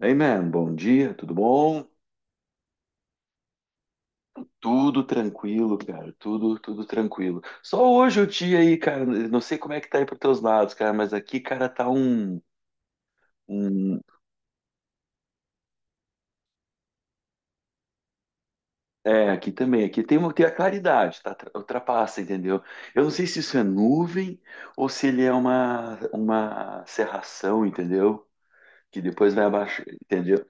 Hey man, bom dia, tudo bom? Tudo tranquilo, cara, tudo tranquilo. Só hoje o dia aí, cara, não sei como é que tá aí pros teus lados, cara, mas aqui, cara, tá um. É, aqui também, tem a claridade, tá? Ultrapassa, entendeu? Eu não sei se isso é nuvem ou se ele é uma cerração, entendeu? Que depois vai abaixar, entendeu?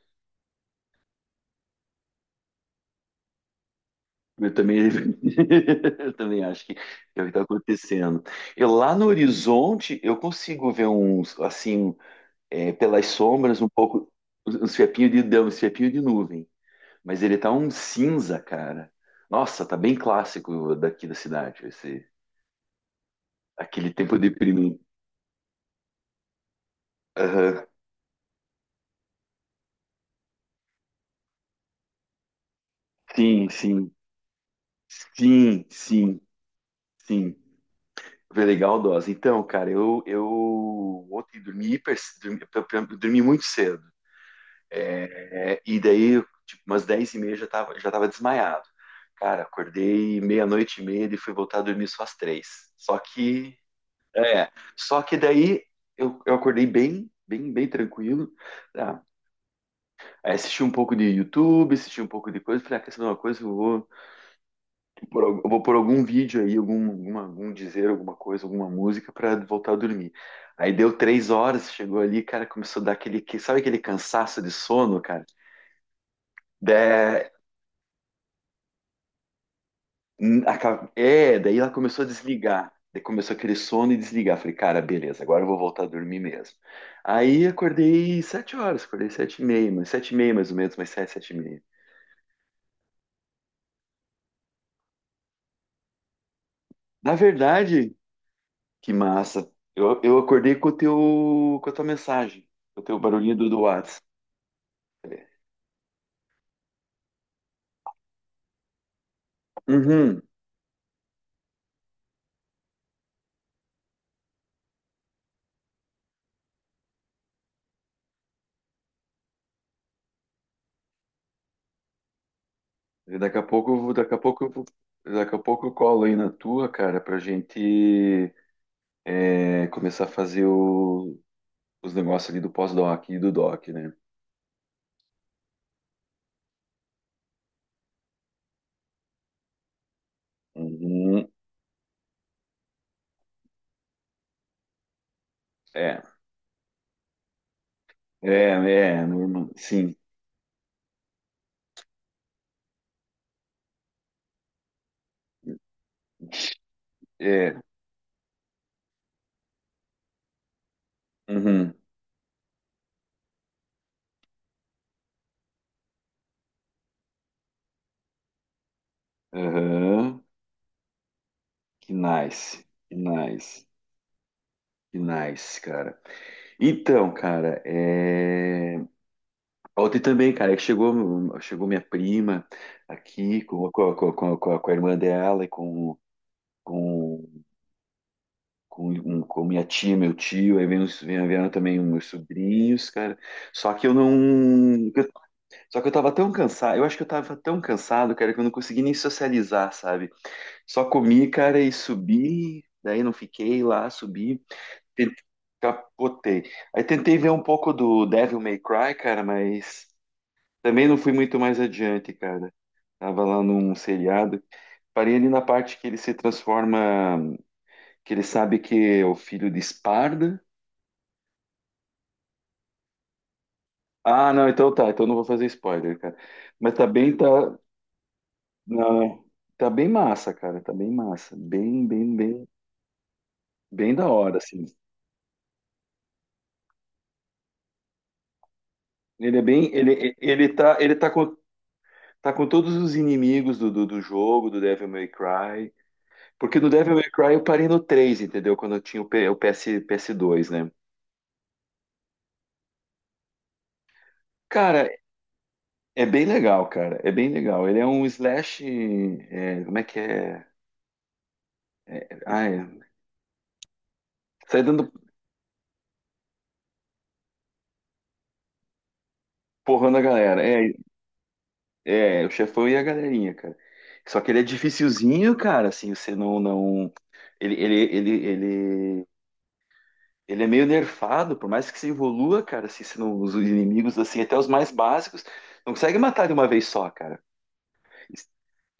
Eu também, eu também acho que é o que está acontecendo. E lá no horizonte eu consigo ver uns assim. É, pelas sombras, um pouco. Uns fiapinhos de nuvem. Mas ele tá um cinza, cara. Nossa, tá bem clássico daqui da cidade, aquele tempo deprimido. Aham. Sim, sim, sim, sim, sim. Foi legal, dose. Então, cara, eu ontem dormi hiper, dormi muito cedo. É, e daí, tipo, umas 10:30 já tava desmaiado. Cara, acordei 00:30 e fui voltar a dormir só às 3. Só que É, só que daí eu acordei bem, bem, bem tranquilo. Tá? Aí assisti um pouco de YouTube, assisti um pouco de coisa, falei, ah, quer saber uma coisa? Eu vou por algum vídeo aí, algum, alguma, algum dizer, alguma coisa, alguma música pra voltar a dormir. Aí deu 3 horas, chegou ali, cara, começou a dar sabe aquele cansaço de sono, cara? É, daí ela começou a desligar. Daí começou aquele sono e desligar. Falei, cara, beleza, agora eu vou voltar a dormir mesmo. Aí acordei 7 horas, acordei 7:30, mas 7:30 mais ou menos, mas sete e meia. Na verdade, que massa. Eu acordei com o teu, com a tua mensagem, com o teu barulhinho do WhatsApp. Uhum. Daqui a pouco, daqui a pouco eu colo aí na tua, cara, pra gente começar a fazer os negócios ali do pós-doc e do doc, né? Uhum. É, é, é, normal. Sim, é. Uhum. Aham. Que nice, que nice, que nice, cara. Então, cara, ontem também, cara, que chegou minha prima aqui com a irmã dela e com, com minha tia, meu tio, aí vieram também os meus sobrinhos, cara. Só que eu não. Só que eu tava tão cansado, eu acho que eu tava tão cansado, cara, que eu não consegui nem socializar, sabe? Só comi, cara, e subi, daí não fiquei lá, subi, te- capotei. Aí tentei ver um pouco do Devil May Cry, cara, mas também não fui muito mais adiante, cara. Tava lá num seriado, parei ali na parte que ele se transforma, que ele sabe que é o filho de Esparda. Ah, não, então tá, então não vou fazer spoiler, cara. Mas tá bem, tá, não, é. Tá bem massa, cara. Tá bem massa. Bem, bem, bem, bem da hora, assim. Ele é bem. Ele tá, tá com todos os inimigos do, do jogo, do Devil May Cry. Porque no Devil May Cry eu parei no 3, entendeu? Quando eu tinha o PS, ps dois, né? Cara, é bem legal, cara. É bem legal. Ele é um slash. É, como é que é? Ai, sai dando porrão na galera. É, é, o chefão e a galerinha, cara. Só que ele é dificilzinho, cara, assim, você não, não. Ele, ele, ele, ele, ele é meio nerfado, por mais que você evolua, cara, assim, você não, os inimigos, assim, até os mais básicos, não consegue matar de uma vez só, cara.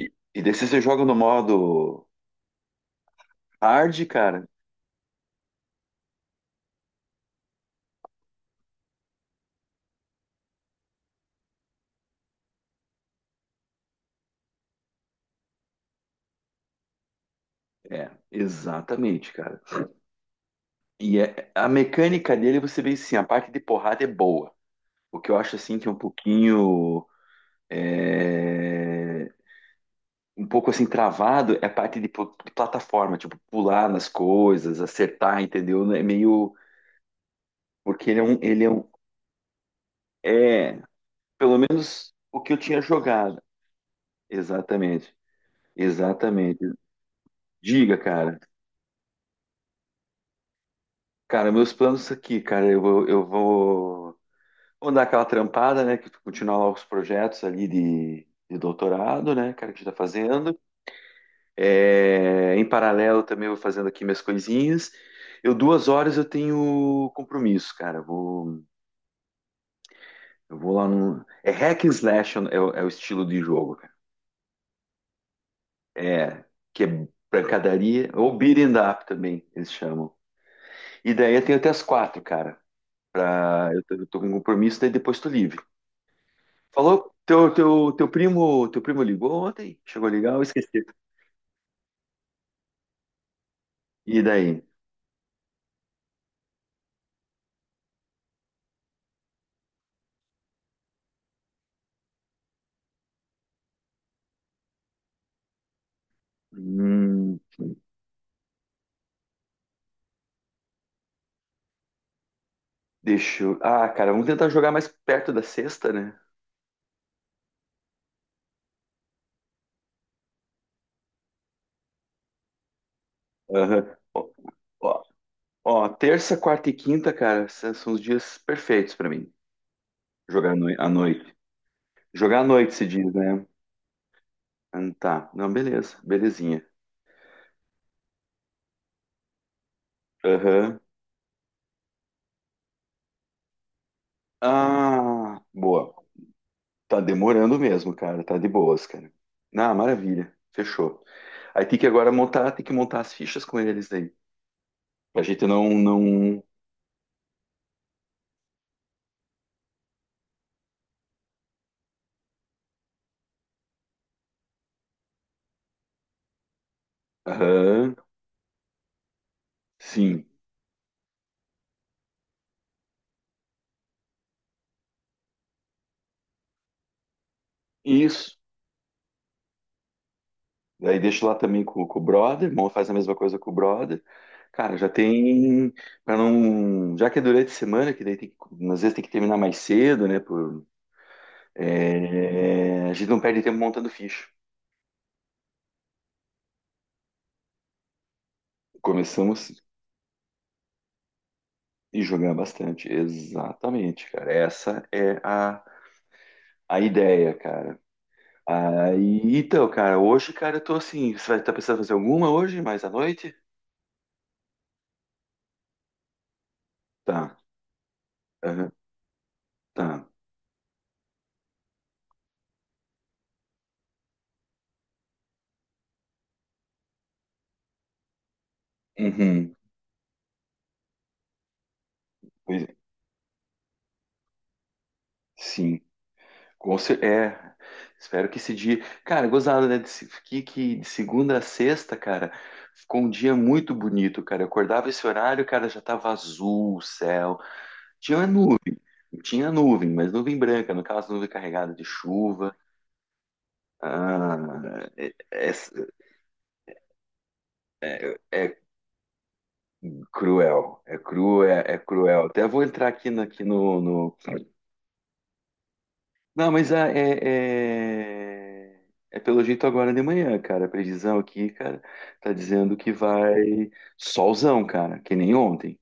E daí se você joga no modo hard, cara, é, exatamente, cara. A mecânica dele, você vê, assim, a parte de porrada é boa. O que eu acho, assim, que é um pouquinho... é, um pouco assim travado é a parte de plataforma, tipo, pular nas coisas, acertar, entendeu? É meio. Porque ele é um. É, pelo menos o que eu tinha jogado. Exatamente. Exatamente. Diga, cara. Cara, meus planos aqui, cara, eu vou. Vou dar aquela trampada, né? Que continuar lá os projetos ali de doutorado, né, cara, que a gente tá fazendo. É, em paralelo também eu vou fazendo aqui minhas coisinhas. Eu 2 horas eu tenho compromisso, cara. Eu vou lá no. É hack and slash, é, o é o estilo de jogo, cara. É que é pancadaria ou beat 'em up também eles chamam. E daí eu tenho até as 4, cara. Ah, eu tô com um compromisso, daí depois tô livre. Falou? Teu, teu primo ligou ontem? Chegou a ligar? Eu esqueci. E daí? Hum, deixa eu... Ah, cara, vamos tentar jogar mais perto da sexta, né? Aham. Ó, ó, ó, terça, quarta e quinta, cara, são os dias perfeitos pra mim. Jogar à noite. Jogar à noite se diz, né? Ah, tá. Não, beleza. Belezinha. Aham. Ah, boa. Tá demorando mesmo, cara. Tá de boas, cara. Ah, maravilha. Fechou. Aí tem que agora montar, tem que montar as fichas com eles daí. Pra gente não, não. Aham. Sim. Isso. Daí deixo lá também com, o brother, irmão faz a mesma coisa com o brother. Cara, já tem para não, já que é durante a semana, que daí às vezes tem que terminar mais cedo, né, a gente não perde tempo montando ficha. Começamos e jogando bastante. Exatamente, cara. Essa é a ideia, cara. Aí, então, cara, hoje, cara, eu tô assim, você vai estar pensando em fazer alguma hoje, mais à noite? Tá. Aham, tá. Uhum. Pois é. Sim. Com cer- É, espero que esse dia. Cara, gozado, né? de se- que de segunda a sexta, cara, ficou um dia muito bonito, cara. Eu acordava esse horário, cara, já tava azul o céu. Tinha nuvem, tinha nuvem, mas nuvem branca, no caso, nuvem carregada de chuva. Ah, é, é, é- é cruel, é cruel, é cruel. Até vou entrar aqui, aqui Não, mas ah, é pelo jeito agora de manhã, cara. A previsão aqui, cara, tá dizendo que vai solzão, cara, que nem ontem.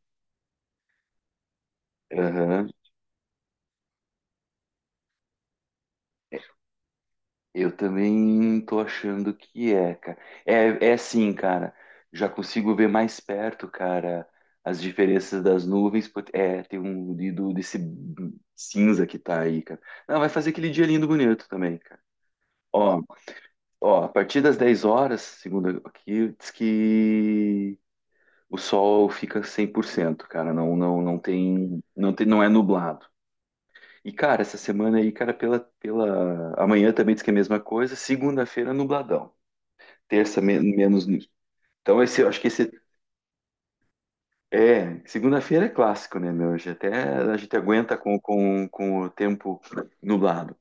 Aham. Eu também tô achando que é, cara. É, é sim, cara. Já consigo ver mais perto, cara, as diferenças das nuvens. Pô, é, tem um desse cinza que tá aí, cara. Não, vai fazer aquele dia lindo bonito também, cara. Ó, a partir das 10 horas, segundo aqui, diz que o sol fica 100%, cara, não não não tem não tem não é nublado. E cara, essa semana aí, cara, pela amanhã também diz que é a mesma coisa, segunda-feira nubladão, terça menos nu-. Então esse eu acho que esse é, segunda-feira é clássico, né, meu? Hoje até a gente aguenta com o tempo nublado.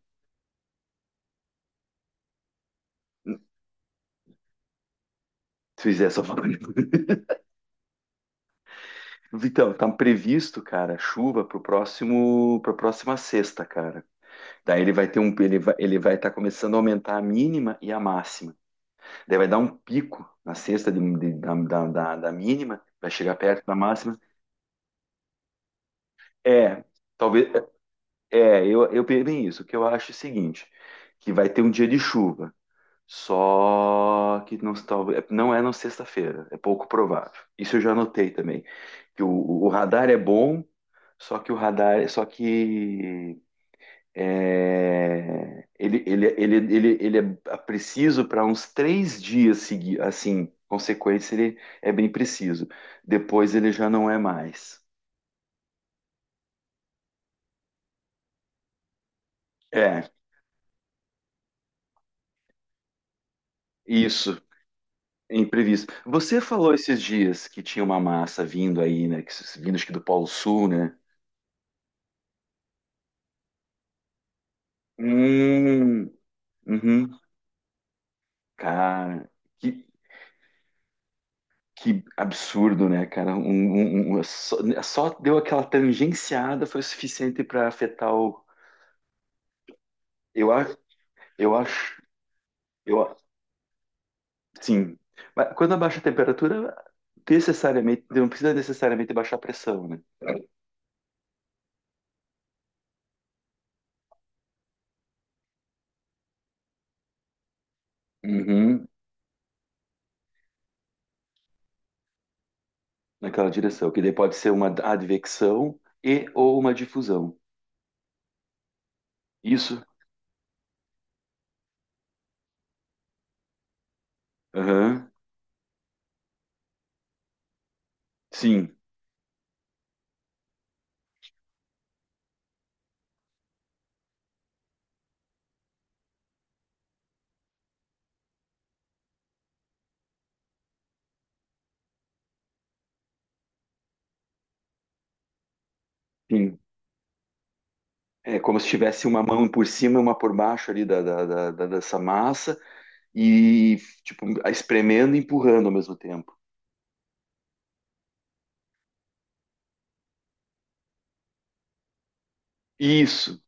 Se fizer só falando. Vitão, tá previsto, cara, chuva pra próxima sexta, cara. Daí ele vai ter ele vai estar começando a aumentar a mínima e a máxima. Daí vai dar um pico na sexta da mínima, vai chegar perto da máxima. É, talvez. É, eu penso bem isso. O que eu acho é o seguinte: que vai ter um dia de chuva. Só que não, talvez, não é na sexta-feira, é pouco provável. Isso eu já notei também. Que o radar é bom, só que o radar, só que É, ele, é preciso para uns 3 dias seguir, assim, consequência, ele é bem preciso. Depois ele já não é mais. É, isso, imprevisto. Você falou esses dias que tinha uma massa vindo aí, né? que se- vindo acho que do Polo Sul, né? Hum. Uhum. Cara, que, que absurdo, né, cara? Um, só deu aquela tangenciada foi o suficiente para afetar o. Eu acho. Eu acho, eu, a- sim. Mas quando abaixa a temperatura, necessariamente, não precisa necessariamente baixar a pressão, né? Uhum. Naquela direção, que daí pode ser uma advecção e ou uma difusão. Isso? Aham. Sim, sim. É como se tivesse uma mão por cima e uma por baixo ali da dessa massa e, tipo, espremendo e empurrando ao mesmo tempo. Isso,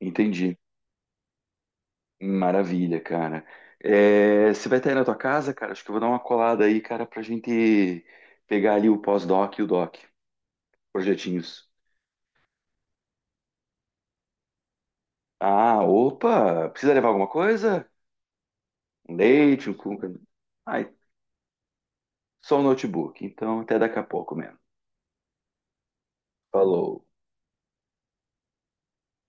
entendi. Maravilha, cara. É, você vai estar aí na tua casa, cara? Acho que eu vou dar uma colada aí, cara, pra gente pegar ali o pós-doc e o doc, projetinhos. Ah, opa! Precisa levar alguma coisa? Um leite, um cuca. Ai, só um notebook. Então, até daqui a pouco mesmo. Falou.